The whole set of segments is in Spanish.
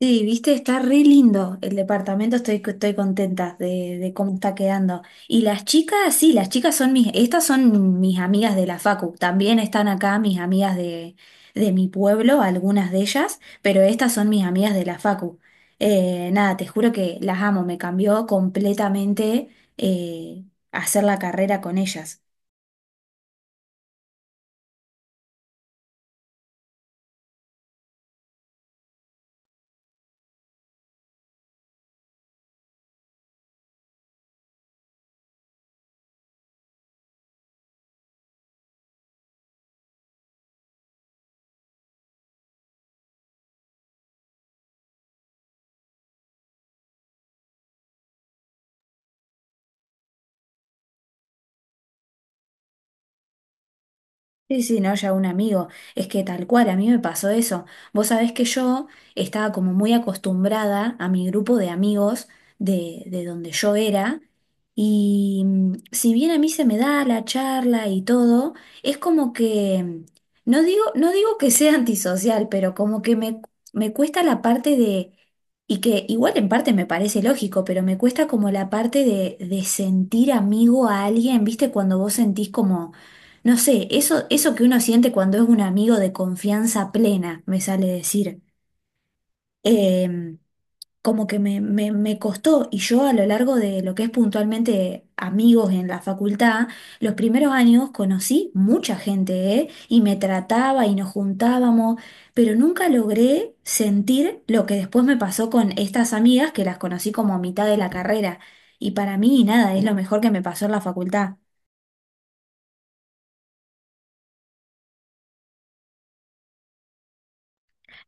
Sí, viste, está re lindo el departamento, estoy contenta de cómo está quedando. Y las chicas, sí, las chicas son mis, estas son mis amigas de la facu, también están acá mis amigas de mi pueblo, algunas de ellas, pero estas son mis amigas de la facu. Nada, te juro que las amo, me cambió completamente eh, hacer la carrera con ellas. Sí, sí, no, ya un amigo. Es que tal cual, a mí me pasó eso. Vos sabés que yo estaba como muy acostumbrada a mi grupo de amigos de donde yo era. Y si bien a mí se me da la charla y todo, es como que, no digo que sea antisocial, pero como que me cuesta la parte de, y que igual en parte me parece lógico, pero me cuesta como la parte de sentir amigo a alguien, ¿viste? Cuando vos sentís como no sé, eso que uno siente cuando es un amigo de confianza plena, me sale decir. Em, como que me costó, y yo a lo largo de lo que es puntualmente amigos en la facultad, los primeros años conocí mucha gente, ¿eh? Y me trataba y nos juntábamos, pero nunca logré sentir lo que después me pasó con estas amigas que las conocí como a mitad de la carrera. Y para mí, nada, es lo mejor que me pasó en la facultad.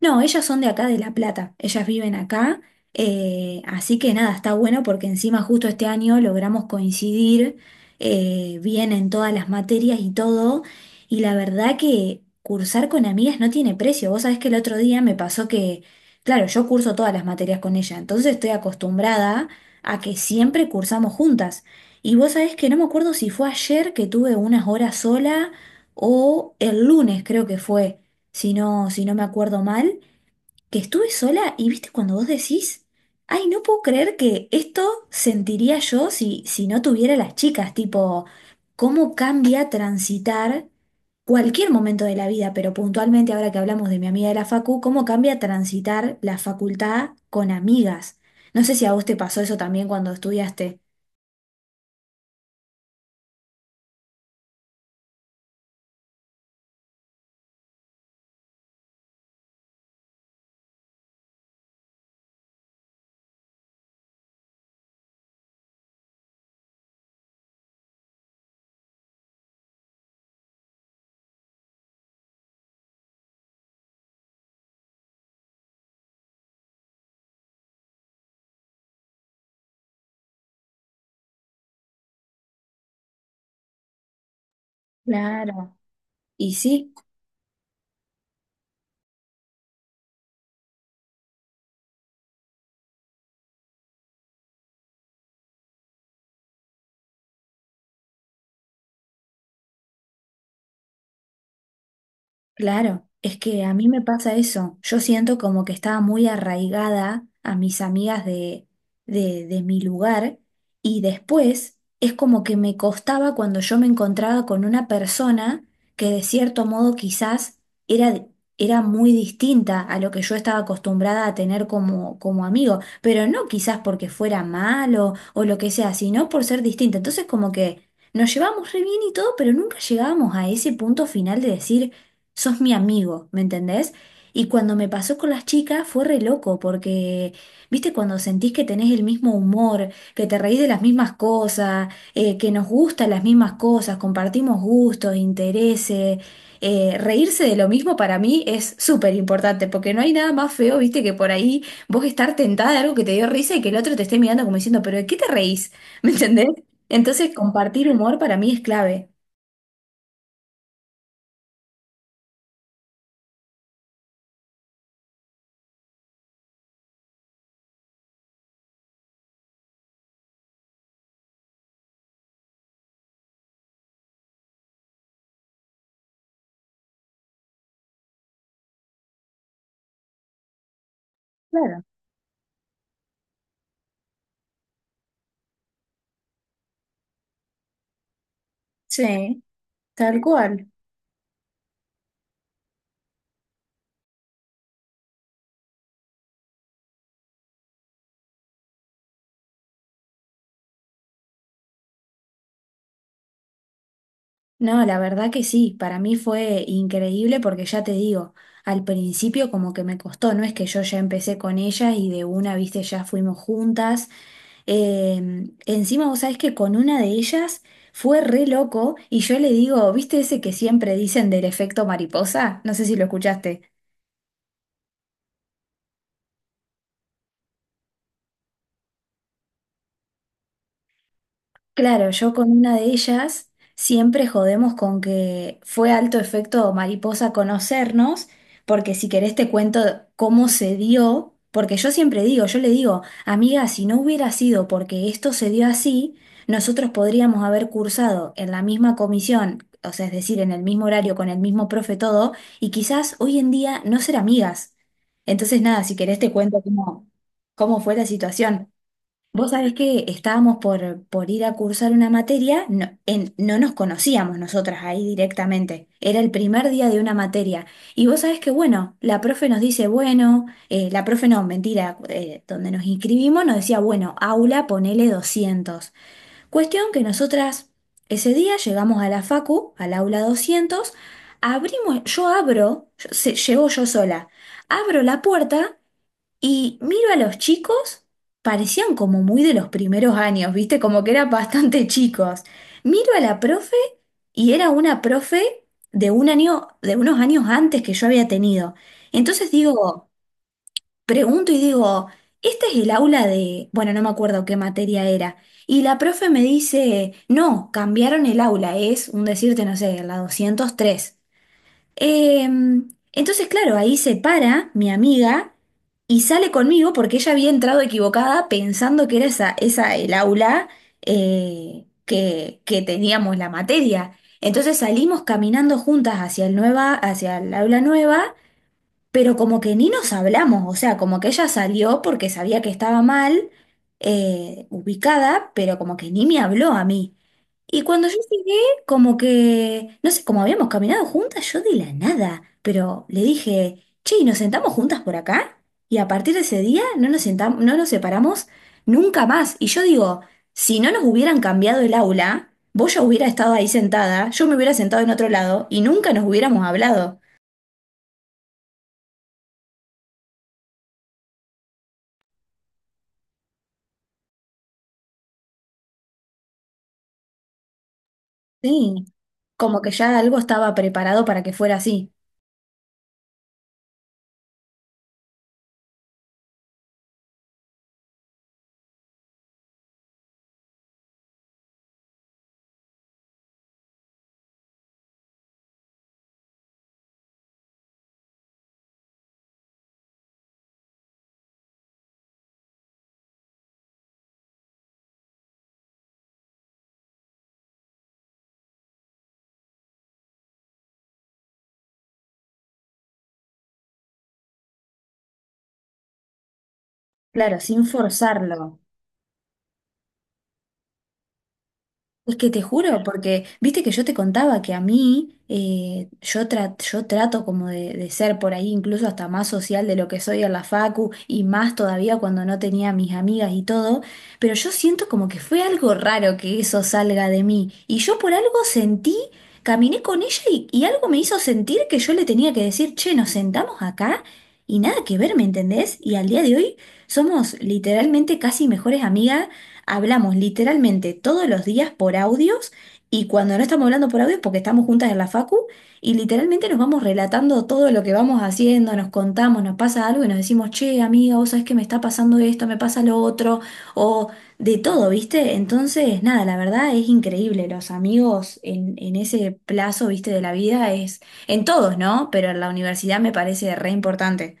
No, ellas son de acá de La Plata, ellas viven acá, así que nada, está bueno porque encima justo este año logramos coincidir bien en todas las materias y todo, y la verdad que cursar con amigas no tiene precio. Vos sabés que el otro día me pasó que, claro, yo curso todas las materias con ella, entonces estoy acostumbrada a que siempre cursamos juntas. Y vos sabés que no me acuerdo si fue ayer que tuve unas horas sola o el lunes creo que fue si no, si no me acuerdo mal, que estuve sola y viste cuando vos decís, ay, no puedo creer que esto sentiría yo si, si no tuviera las chicas, tipo, cómo cambia transitar cualquier momento de la vida, pero puntualmente ahora que hablamos de mi amiga de la facu, cómo cambia transitar la facultad con amigas. No sé si a vos te pasó eso también cuando estudiaste. Claro. Y sí. Claro, es que a mí me pasa eso. Yo siento como que estaba muy arraigada a mis amigas de, de mi lugar y después es como que me costaba cuando yo me encontraba con una persona que de cierto modo quizás era, era muy distinta a lo que yo estaba acostumbrada a tener como, como amigo, pero no quizás porque fuera malo o lo que sea, sino por ser distinta. Entonces como que nos llevamos re bien y todo, pero nunca llegábamos a ese punto final de decir sos mi amigo, ¿me entendés? Y cuando me pasó con las chicas fue re loco, porque, viste, cuando sentís que tenés el mismo humor, que te reís de las mismas cosas, que nos gustan las mismas cosas, compartimos gustos, intereses, reírse de lo mismo para mí es súper importante, porque no hay nada más feo, viste, que por ahí vos estar tentada de algo que te dio risa y que el otro te esté mirando como diciendo, pero ¿de qué te reís? ¿Me entendés? Entonces, compartir humor para mí es clave. Claro, sí, tal cual. No, la verdad que sí, para mí fue increíble porque ya te digo, al principio como que me costó, no es que yo ya empecé con ella y de una, viste, ya fuimos juntas. Encima vos sabés que con una de ellas fue re loco y yo le digo, ¿viste ese que siempre dicen del efecto mariposa? No sé si lo escuchaste. Claro, yo con una de ellas siempre jodemos con que fue alto efecto mariposa conocernos, porque si querés te cuento cómo se dio, porque yo siempre digo, yo le digo, amiga, si no hubiera sido porque esto se dio así, nosotros podríamos haber cursado en la misma comisión, o sea, es decir, en el mismo horario, con el mismo profe, todo, y quizás hoy en día no ser amigas. Entonces, nada, si querés te cuento cómo, cómo fue la situación. Vos sabés que estábamos por ir a cursar una materia, no, no nos conocíamos nosotras ahí directamente, era el primer día de una materia. Y vos sabés que, bueno, la profe nos dice, bueno, la profe no, mentira, donde nos inscribimos nos decía, bueno, aula, ponele 200. Cuestión que nosotras ese día llegamos a la facu, al aula 200, abrimos, yo abro, llego yo sola, abro la puerta. Y miro a los chicos, parecían como muy de los primeros años, ¿viste? Como que eran bastante chicos. Miro a la profe y era una profe de un año, de unos años antes que yo había tenido. Entonces digo, pregunto y digo, ¿este es el aula de, bueno, no me acuerdo qué materia era? Y la profe me dice, no, cambiaron el aula, es un decirte, no sé, la 203. Entonces, claro, ahí se para mi amiga y sale conmigo porque ella había entrado equivocada pensando que era esa, esa el aula que teníamos la materia. Entonces salimos caminando juntas hacia el nueva, hacia el aula nueva, pero como que ni nos hablamos, o sea, como que ella salió porque sabía que estaba mal ubicada, pero como que ni me habló a mí. Y cuando yo llegué, como que, no sé, como habíamos caminado juntas, yo de la nada, pero le dije, che, ¿y nos sentamos juntas por acá? Y a partir de ese día no nos separamos nunca más. Y yo digo, si no nos hubieran cambiado el aula, vos ya hubiera estado ahí sentada, yo me hubiera sentado en otro lado y nunca nos hubiéramos hablado. Sí, como que ya algo estaba preparado para que fuera así. Claro, sin forzarlo. Es que te juro, porque viste que yo te contaba que a mí, yo, yo trato como de ser por ahí incluso hasta más social de lo que soy en la facu y más todavía cuando no tenía mis amigas y todo, pero yo siento como que fue algo raro que eso salga de mí y yo por algo sentí, caminé con ella y algo me hizo sentir que yo le tenía que decir, che, nos sentamos acá y nada que ver, ¿me entendés? Y al día de hoy somos literalmente casi mejores amigas. Hablamos literalmente todos los días por audios y cuando no estamos hablando por audios porque estamos juntas en la facu y literalmente nos vamos relatando todo lo que vamos haciendo, nos contamos, nos pasa algo y nos decimos, che, amiga, vos sabés que me está pasando esto, me pasa lo otro, o de todo, ¿viste? Entonces, nada, la verdad es increíble, los amigos en ese plazo, ¿viste? De la vida es en todos, ¿no? Pero en la universidad me parece re importante.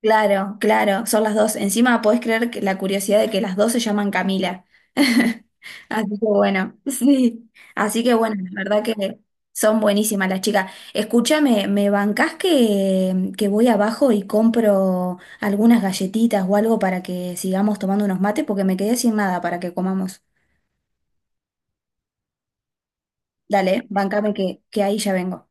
Claro, claro, son las dos. Encima podés creer que la curiosidad de que las dos se llaman Camila. Así que bueno, sí. Así que bueno, la verdad que son buenísimas las chicas. Escúchame, ¿me bancás que voy abajo y compro algunas galletitas o algo para que sigamos tomando unos mates? Porque me quedé sin nada para que comamos. Dale, bancame que ahí ya vengo.